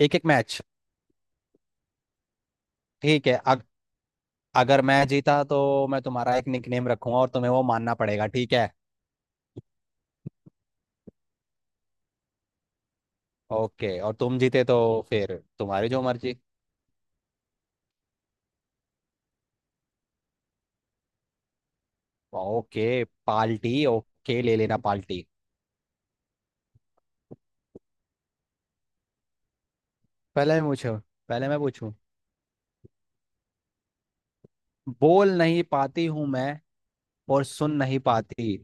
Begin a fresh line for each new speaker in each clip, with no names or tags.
एक एक मैच ठीक है। अगर मैं जीता तो मैं तुम्हारा एक निकनेम रखूंगा और तुम्हें वो मानना पड़ेगा, ठीक है? ओके, और तुम जीते तो? फिर तुम्हारी जो मर्जी। ओके, पाल्टी, ओके, ले लेना पाल्टी। पहले मैं पूछूं? पहले मैं पूछूं। बोल नहीं पाती हूँ मैं और सुन नहीं पाती,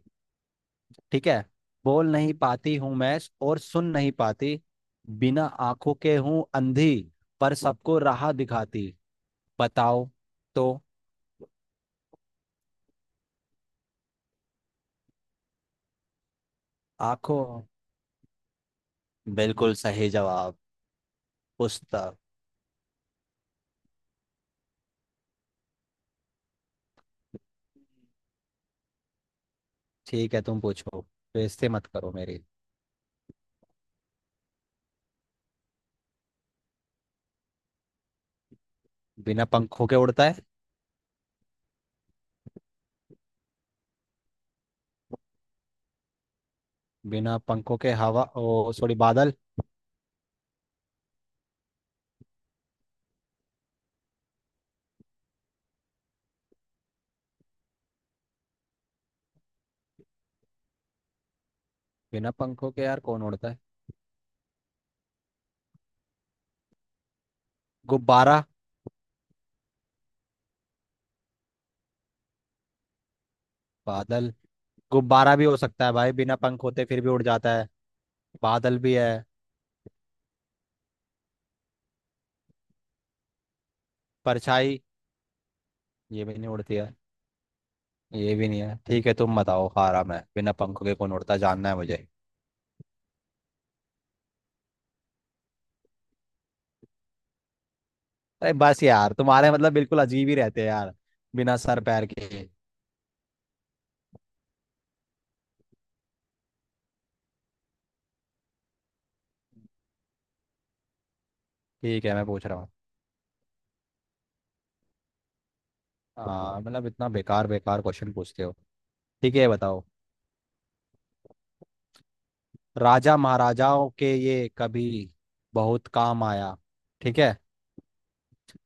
ठीक है। बोल नहीं पाती हूँ मैं और सुन नहीं पाती, बिना आंखों के हूँ अंधी, पर सबको राह दिखाती। बताओ तो। आंखों। बिल्कुल सही जवाब। पूछता। ठीक है, तुम पूछो। बेइज्जती मत करो मेरी। बिना पंखों के उड़ता है? बिना पंखों के हवा, ओ सॉरी, बादल। बिना पंखों के यार कौन उड़ता है? गुब्बारा। बादल। गुब्बारा भी हो सकता है भाई, बिना पंख होते फिर भी उड़ जाता है। बादल भी है। परछाई। ये भी नहीं उड़ती है। ये भी नहीं है, ठीक है, तुम बताओ, हारा मैं, बिना पंखों के कौन उड़ता है, जानना है मुझे। अरे बस यार, तुम्हारे मतलब बिल्कुल अजीब ही रहते हैं यार। बिना सर पैर के। ठीक है, मैं पूछ रहा हूँ। हाँ मतलब इतना बेकार बेकार क्वेश्चन पूछते हो। ठीक है, ये बताओ। राजा महाराजाओं के ये कभी बहुत काम आया, ठीक है।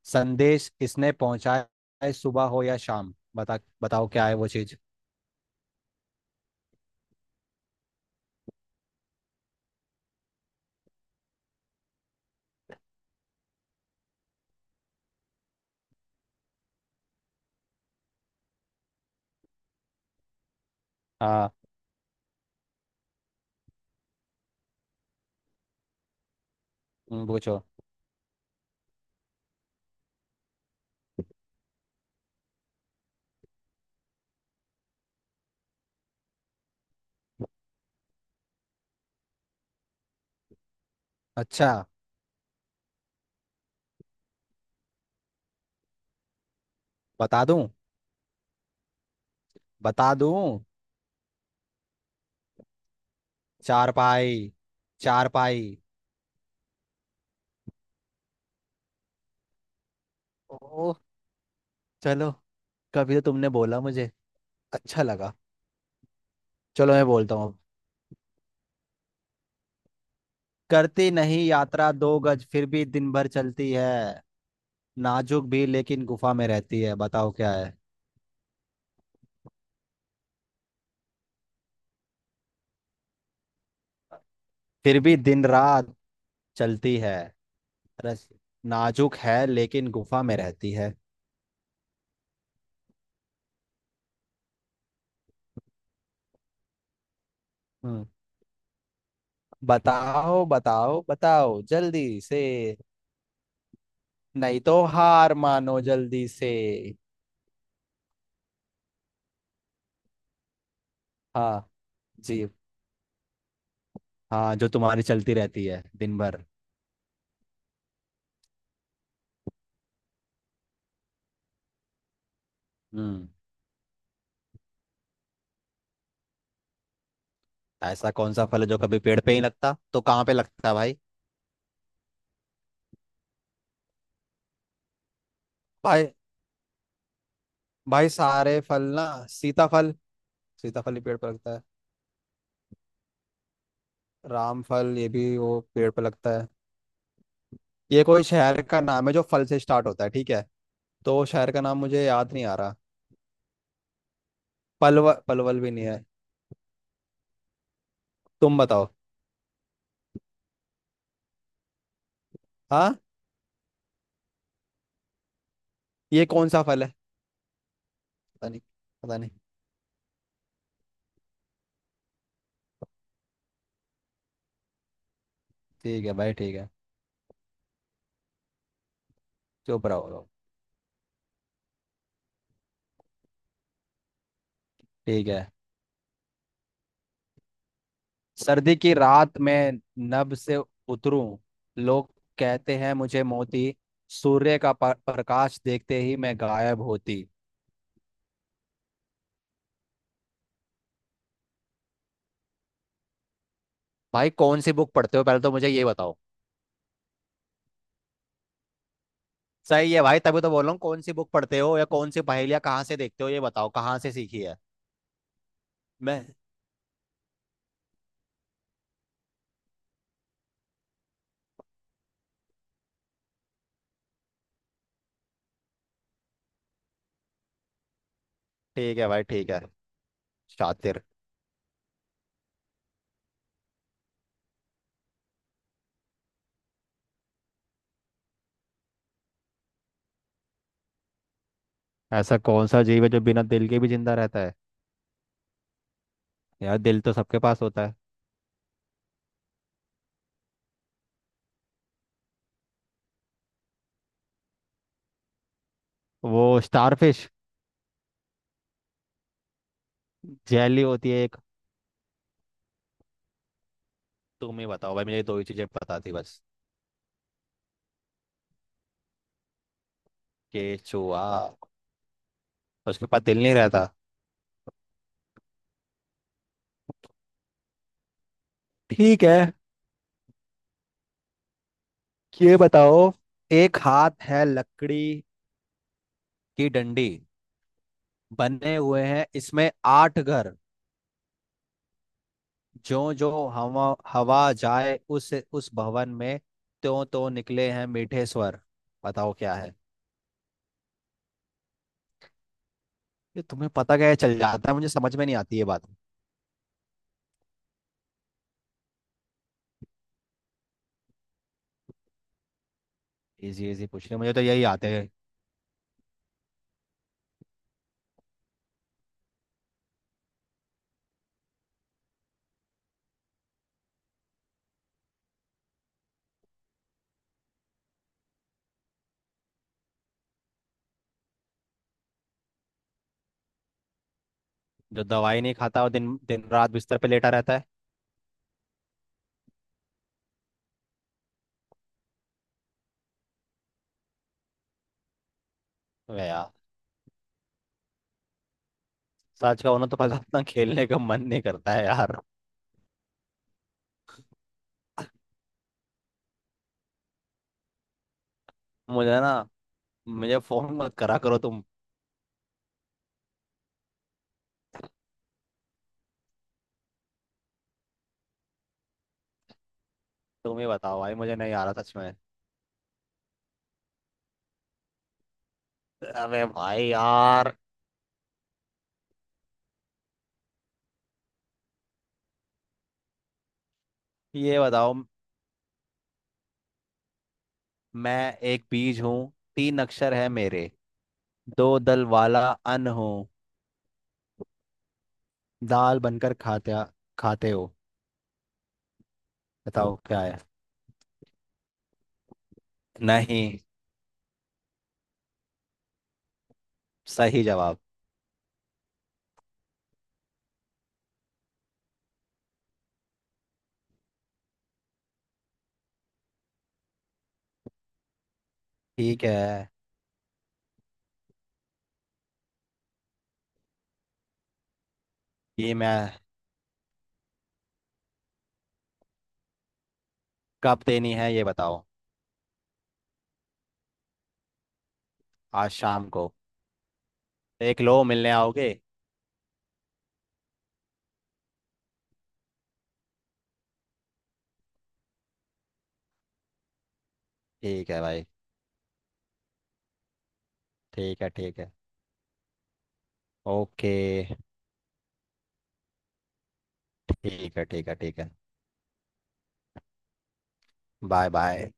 संदेश इसने पहुंचाया है, सुबह हो या शाम, बताओ क्या है वो चीज। हाँ। तुम पूछो। अच्छा। बता दूं? बता दूं? चारपाई। चारपाई। ओ, चलो, कभी तो तुमने बोला मुझे, अच्छा लगा। चलो मैं बोलता हूँ। करती नहीं यात्रा 2 गज, फिर भी दिन भर चलती है, नाजुक भी लेकिन गुफा में रहती है, बताओ क्या है। फिर भी दिन रात चलती है। रस। नाजुक है लेकिन गुफा में रहती है। हम्म। बताओ बताओ बताओ जल्दी से। नहीं तो हार मानो जल्दी से। हाँ। जी। हाँ, जो तुम्हारी चलती रहती है दिन भर। हम्म। ऐसा कौन सा फल है जो कभी पेड़ पे ही लगता तो कहाँ पे लगता है भाई? भाई भाई सारे फल ना, सीताफल, सीताफल ही पेड़ पे लगता है। रामफल ये भी वो पेड़ पे लगता है। ये कोई शहर का नाम है जो फल से स्टार्ट होता है, ठीक है, तो शहर का नाम मुझे याद नहीं आ रहा। पलवल, पलवल भी नहीं है। तुम बताओ। हाँ, ये कौन सा फल है? पता नहीं, पता नहीं। ठीक है भाई, ठीक है। चुप रहो लोग। ठीक है। सर्दी की रात में नभ से उतरूं, लोग कहते हैं मुझे मोती, सूर्य का प्रकाश देखते ही मैं गायब होती। भाई कौन सी बुक पढ़ते हो पहले तो मुझे ये बताओ? सही है भाई, तभी तो बोल रहा हूँ, कौन सी बुक पढ़ते हो या कौन सी पहेलियाँ कहाँ से देखते हो, ये बताओ कहाँ से सीखी है? मैं। ठीक है भाई, ठीक है। शातिर। ऐसा कौन सा जीव है जो बिना दिल के भी जिंदा रहता है? यार दिल तो सबके पास होता है। वो स्टारफिश। जेली होती है एक। तुम ही बताओ भाई, मुझे ये दो ही चीजें पता थी बस। केचुआ? उसके पास दिल नहीं रहता? ठीक है, ये बताओ। एक हाथ है लकड़ी की डंडी, बने हुए हैं इसमें आठ घर, जो जो हवा हवा जाए उस भवन में, त्यों त्यों निकले हैं मीठे स्वर। बताओ क्या है। ये तुम्हें पता क्या है चल जाता है, मुझे समझ में नहीं आती ये बात। इजी इजी पूछ रहे हो, मुझे तो यही आते हैं। जो दवाई नहीं खाता, वो दिन दिन रात बिस्तर पे लेटा रहता है। अबे यार, सच का होना तो पता, इतना खेलने का मन नहीं करता है यार। मुझे ना, मुझे फोन मत करा करो तुम। तुम ही बताओ भाई, मुझे नहीं आ रहा सच में। अबे भाई यार। ये बताओ, मैं एक बीज हूँ, तीन अक्षर है मेरे, दो दल वाला अन्न हूँ, दाल बनकर खाते खाते हो, बताओ क्या है। नहीं। सही जवाब। ठीक है। ये मैं। कब देनी है ये बताओ? आज शाम को। देख लो, मिलने आओगे? ठीक है भाई, ठीक है, ठीक है। ओके। ठीक है, ठीक है, ठीक है। Bye bye.